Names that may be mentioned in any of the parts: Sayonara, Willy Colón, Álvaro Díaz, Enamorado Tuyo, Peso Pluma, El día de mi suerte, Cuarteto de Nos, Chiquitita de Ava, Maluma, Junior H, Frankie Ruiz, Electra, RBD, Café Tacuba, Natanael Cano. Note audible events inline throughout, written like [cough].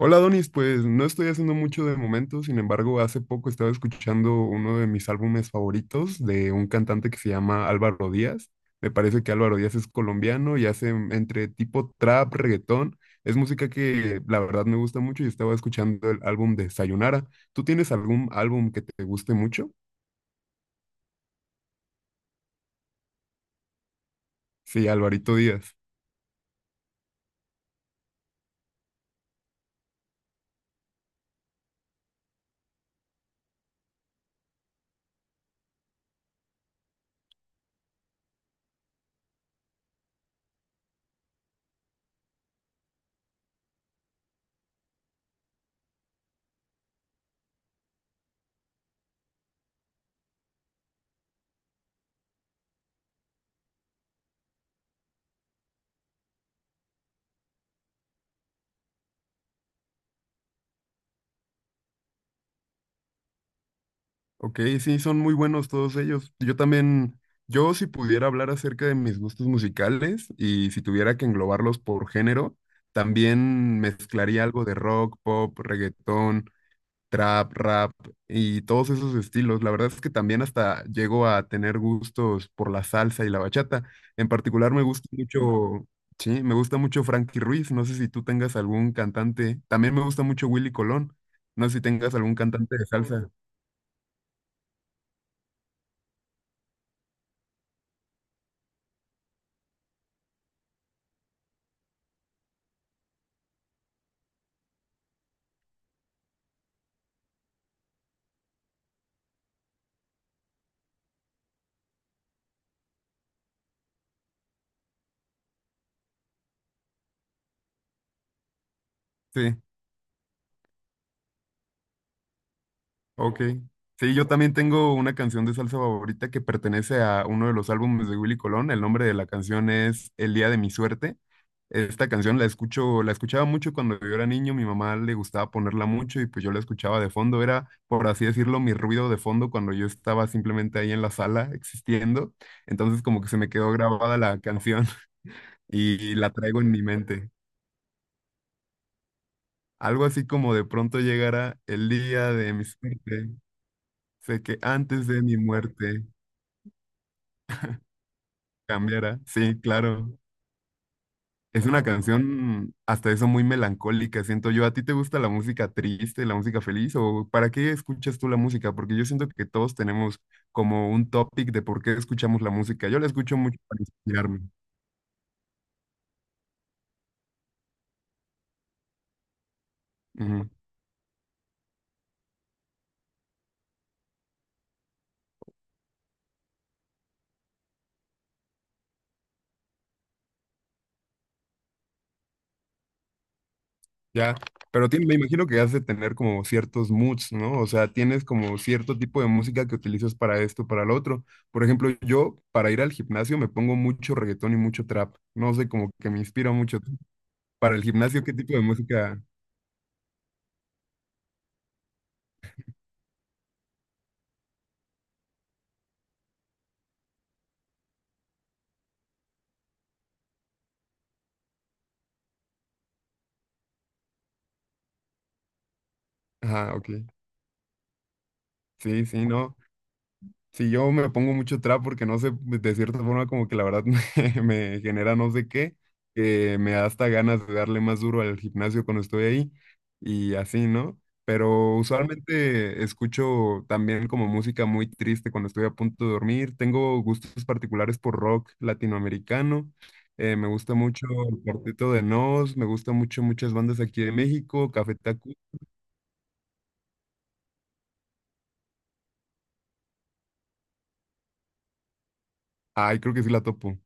Hola Donis, pues no estoy haciendo mucho de momento, sin embargo, hace poco estaba escuchando uno de mis álbumes favoritos de un cantante que se llama Álvaro Díaz. Me parece que Álvaro Díaz es colombiano y hace entre tipo trap, reggaetón. Es música que la verdad me gusta mucho y estaba escuchando el álbum de Sayonara. ¿Tú tienes algún álbum que te guste mucho? Sí, Alvarito Díaz. Ok, sí, son muy buenos todos ellos. Yo también, yo si pudiera hablar acerca de mis gustos musicales y si tuviera que englobarlos por género, también mezclaría algo de rock, pop, reggaetón, trap, rap y todos esos estilos. La verdad es que también hasta llego a tener gustos por la salsa y la bachata. En particular me gusta mucho, sí, me gusta mucho Frankie Ruiz. No sé si tú tengas algún cantante. También me gusta mucho Willy Colón. No sé si tengas algún cantante de salsa. Sí. Ok. Sí, yo también tengo una canción de salsa favorita que pertenece a uno de los álbumes de Willy Colón. El nombre de la canción es El día de mi suerte. Esta canción la escucho, la escuchaba mucho cuando yo era niño. Mi mamá le gustaba ponerla mucho y pues yo la escuchaba de fondo. Era, por así decirlo, mi ruido de fondo cuando yo estaba simplemente ahí en la sala existiendo. Entonces como que se me quedó grabada la canción [laughs] y la traigo en mi mente. Algo así como de pronto llegará el día de mi suerte. Sé que antes de mi muerte. Cambiara. Sí, claro. Es una canción hasta eso muy melancólica, siento yo. ¿A ti te gusta la música triste, la música feliz o para qué escuchas tú la música? Porque yo siento que todos tenemos como un topic de por qué escuchamos la música. Yo la escucho mucho para inspirarme. Ujú. Ya, pero me imagino que has de tener como ciertos moods, ¿no? O sea, tienes como cierto tipo de música que utilizas para esto, para lo otro. Por ejemplo, yo para ir al gimnasio me pongo mucho reggaetón y mucho trap. No sé, como que me inspira mucho. Para el gimnasio, ¿qué tipo de música? Ajá, ok. Sí, sí, no. Sí, yo me pongo mucho trap porque no sé, de cierta forma como que la verdad [laughs] me genera no sé qué, que me da hasta ganas de darle más duro al gimnasio cuando estoy ahí y así, ¿no? Pero usualmente escucho también como música muy triste cuando estoy a punto de dormir. Tengo gustos particulares por rock latinoamericano. Me gusta mucho el Cuarteto de Nos, me gusta mucho muchas bandas aquí de México, Café Tacuba. Ay, creo que sí la topo.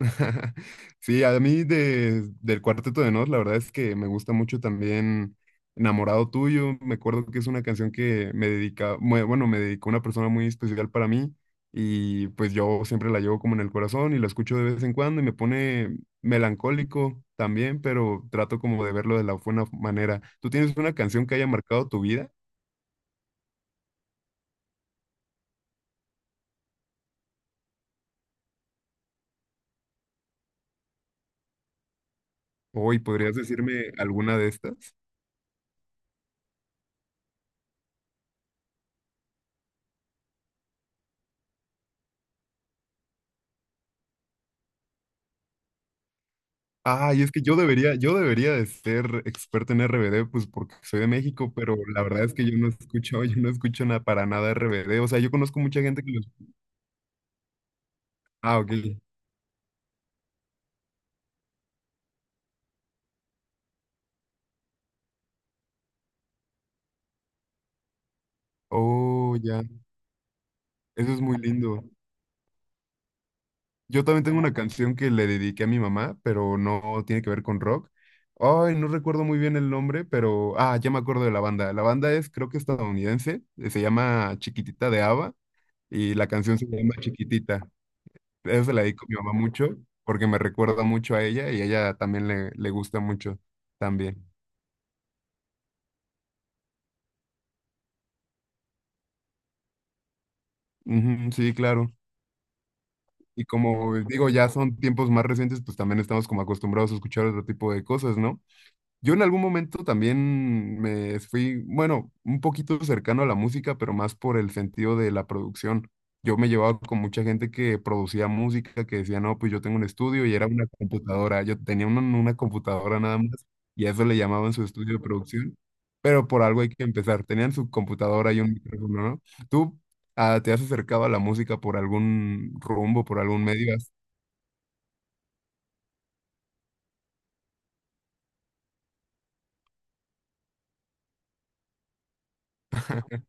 [laughs] Sí, a mí de, del Cuarteto de Nos, la verdad es que me gusta mucho también Enamorado Tuyo. Me acuerdo que es una canción que me dedica, bueno, me dedicó una persona muy especial para mí y pues yo siempre la llevo como en el corazón y la escucho de vez en cuando y me pone melancólico también, pero trato como de verlo de la buena manera. ¿Tú tienes una canción que haya marcado tu vida? Hoy, ¿podrías decirme alguna de estas? Ah, y es que yo debería de ser experto en RBD, pues porque soy de México, pero la verdad es que yo no escucho nada para nada RBD. O sea, yo conozco mucha gente que los... Ah, ok. Oh, ya. Eso es muy lindo. Yo también tengo una canción que le dediqué a mi mamá, pero no tiene que ver con rock. Ay, no recuerdo muy bien el nombre, pero... Ah, ya me acuerdo de la banda. La banda es, creo que estadounidense, se llama Chiquitita de Ava y la canción se llama Chiquitita. Esa se la dedico a mi mamá mucho porque me recuerda mucho a ella y a ella también le gusta mucho también. Ujú, sí, claro. Y como digo, ya son tiempos más recientes, pues también estamos como acostumbrados a escuchar otro tipo de cosas, ¿no? Yo en algún momento también me fui, bueno, un poquito cercano a la música, pero más por el sentido de la producción. Yo me llevaba con mucha gente que producía música, que decía, no, pues yo tengo un estudio y era una computadora. Yo tenía una computadora nada más y a eso le llamaban su estudio de producción. Pero por algo hay que empezar. Tenían su computadora y un micrófono, ¿no? ¿Tú te has acercado a la música por algún rumbo, por algún medio? [laughs]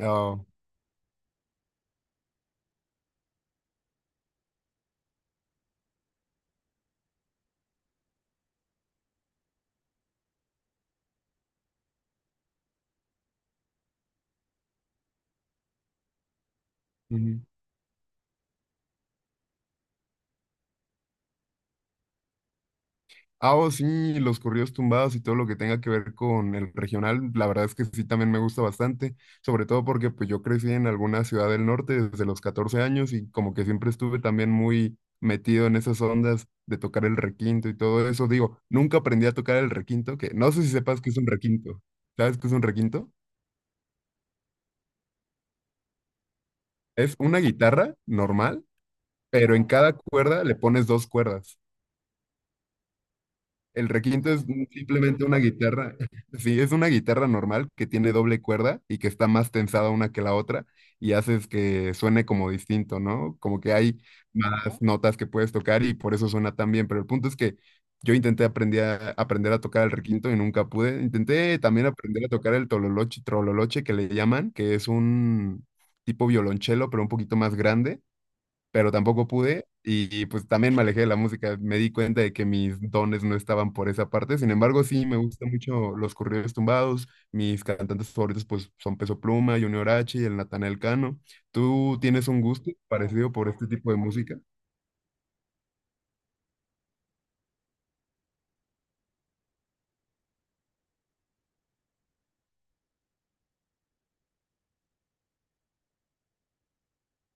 Ah, ujú. Ah, oh, sí, los corridos tumbados y todo lo que tenga que ver con el regional, la verdad es que sí, también me gusta bastante, sobre todo porque pues yo crecí en alguna ciudad del norte desde los 14 años y como que siempre estuve también muy metido en esas ondas de tocar el requinto y todo eso. Digo, nunca aprendí a tocar el requinto, que no sé si sepas qué es un requinto. ¿Sabes qué es un requinto? Es una guitarra normal, pero en cada cuerda le pones dos cuerdas. El requinto es simplemente una guitarra. [laughs] Sí, es una guitarra normal que tiene doble cuerda y que está más tensada una que la otra y haces que suene como distinto, ¿no? Como que hay más notas que puedes tocar y por eso suena tan bien. Pero el punto es que yo intenté aprender a tocar el requinto y nunca pude. Intenté también aprender a tocar el tololoche, trololoche que le llaman, que es un tipo violonchelo, pero un poquito más grande, pero tampoco pude pues también me alejé de la música. Me di cuenta de que mis dones no estaban por esa parte. Sin embargo, sí, me gustan mucho los corridos tumbados. Mis cantantes favoritos pues son Peso Pluma, Junior H y el Natanael Cano. ¿Tú tienes un gusto parecido por este tipo de música?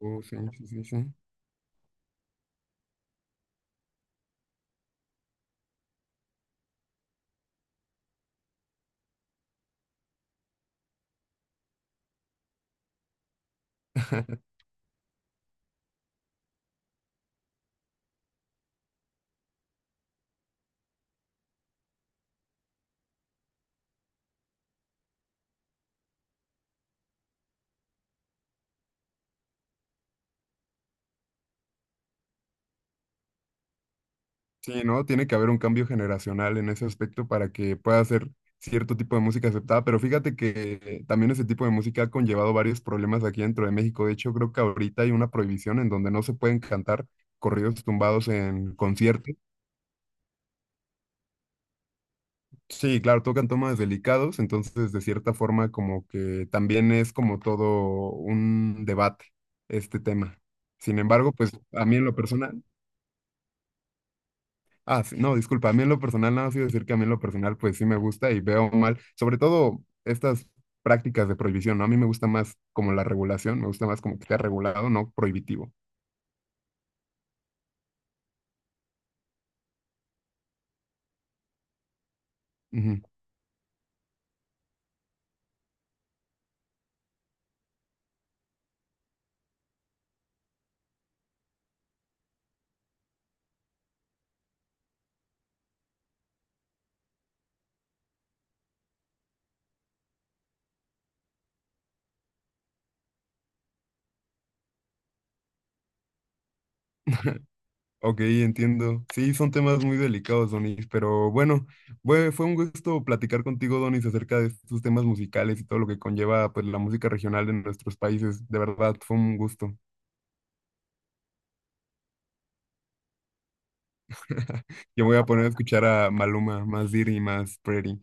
Oh, sí, sí, sí, sí. [laughs] Sí, ¿no? Tiene que haber un cambio generacional en ese aspecto para que pueda ser cierto tipo de música aceptada, pero fíjate que también ese tipo de música ha conllevado varios problemas aquí dentro de México. De hecho, creo que ahorita hay una prohibición en donde no se pueden cantar corridos tumbados en conciertos. Sí, claro, tocan temas delicados, entonces de cierta forma como que también es como todo un debate este tema. Sin embargo, pues a mí en lo personal... Ah, sí, no, disculpa, a mí en lo personal, nada más iba a decir que a mí en lo personal, pues sí me gusta y veo mal, sobre todo estas prácticas de prohibición, ¿no? A mí me gusta más como la regulación, me gusta más como que sea regulado, no prohibitivo. Ujú. Ok, entiendo. Sí, son temas muy delicados, Donis, pero bueno, fue un gusto platicar contigo, Donis, acerca de estos temas musicales y todo lo que conlleva, pues, la música regional de nuestros países. De verdad, fue un gusto. Yo voy a poner a escuchar a Maluma, más Diri, más Pretty.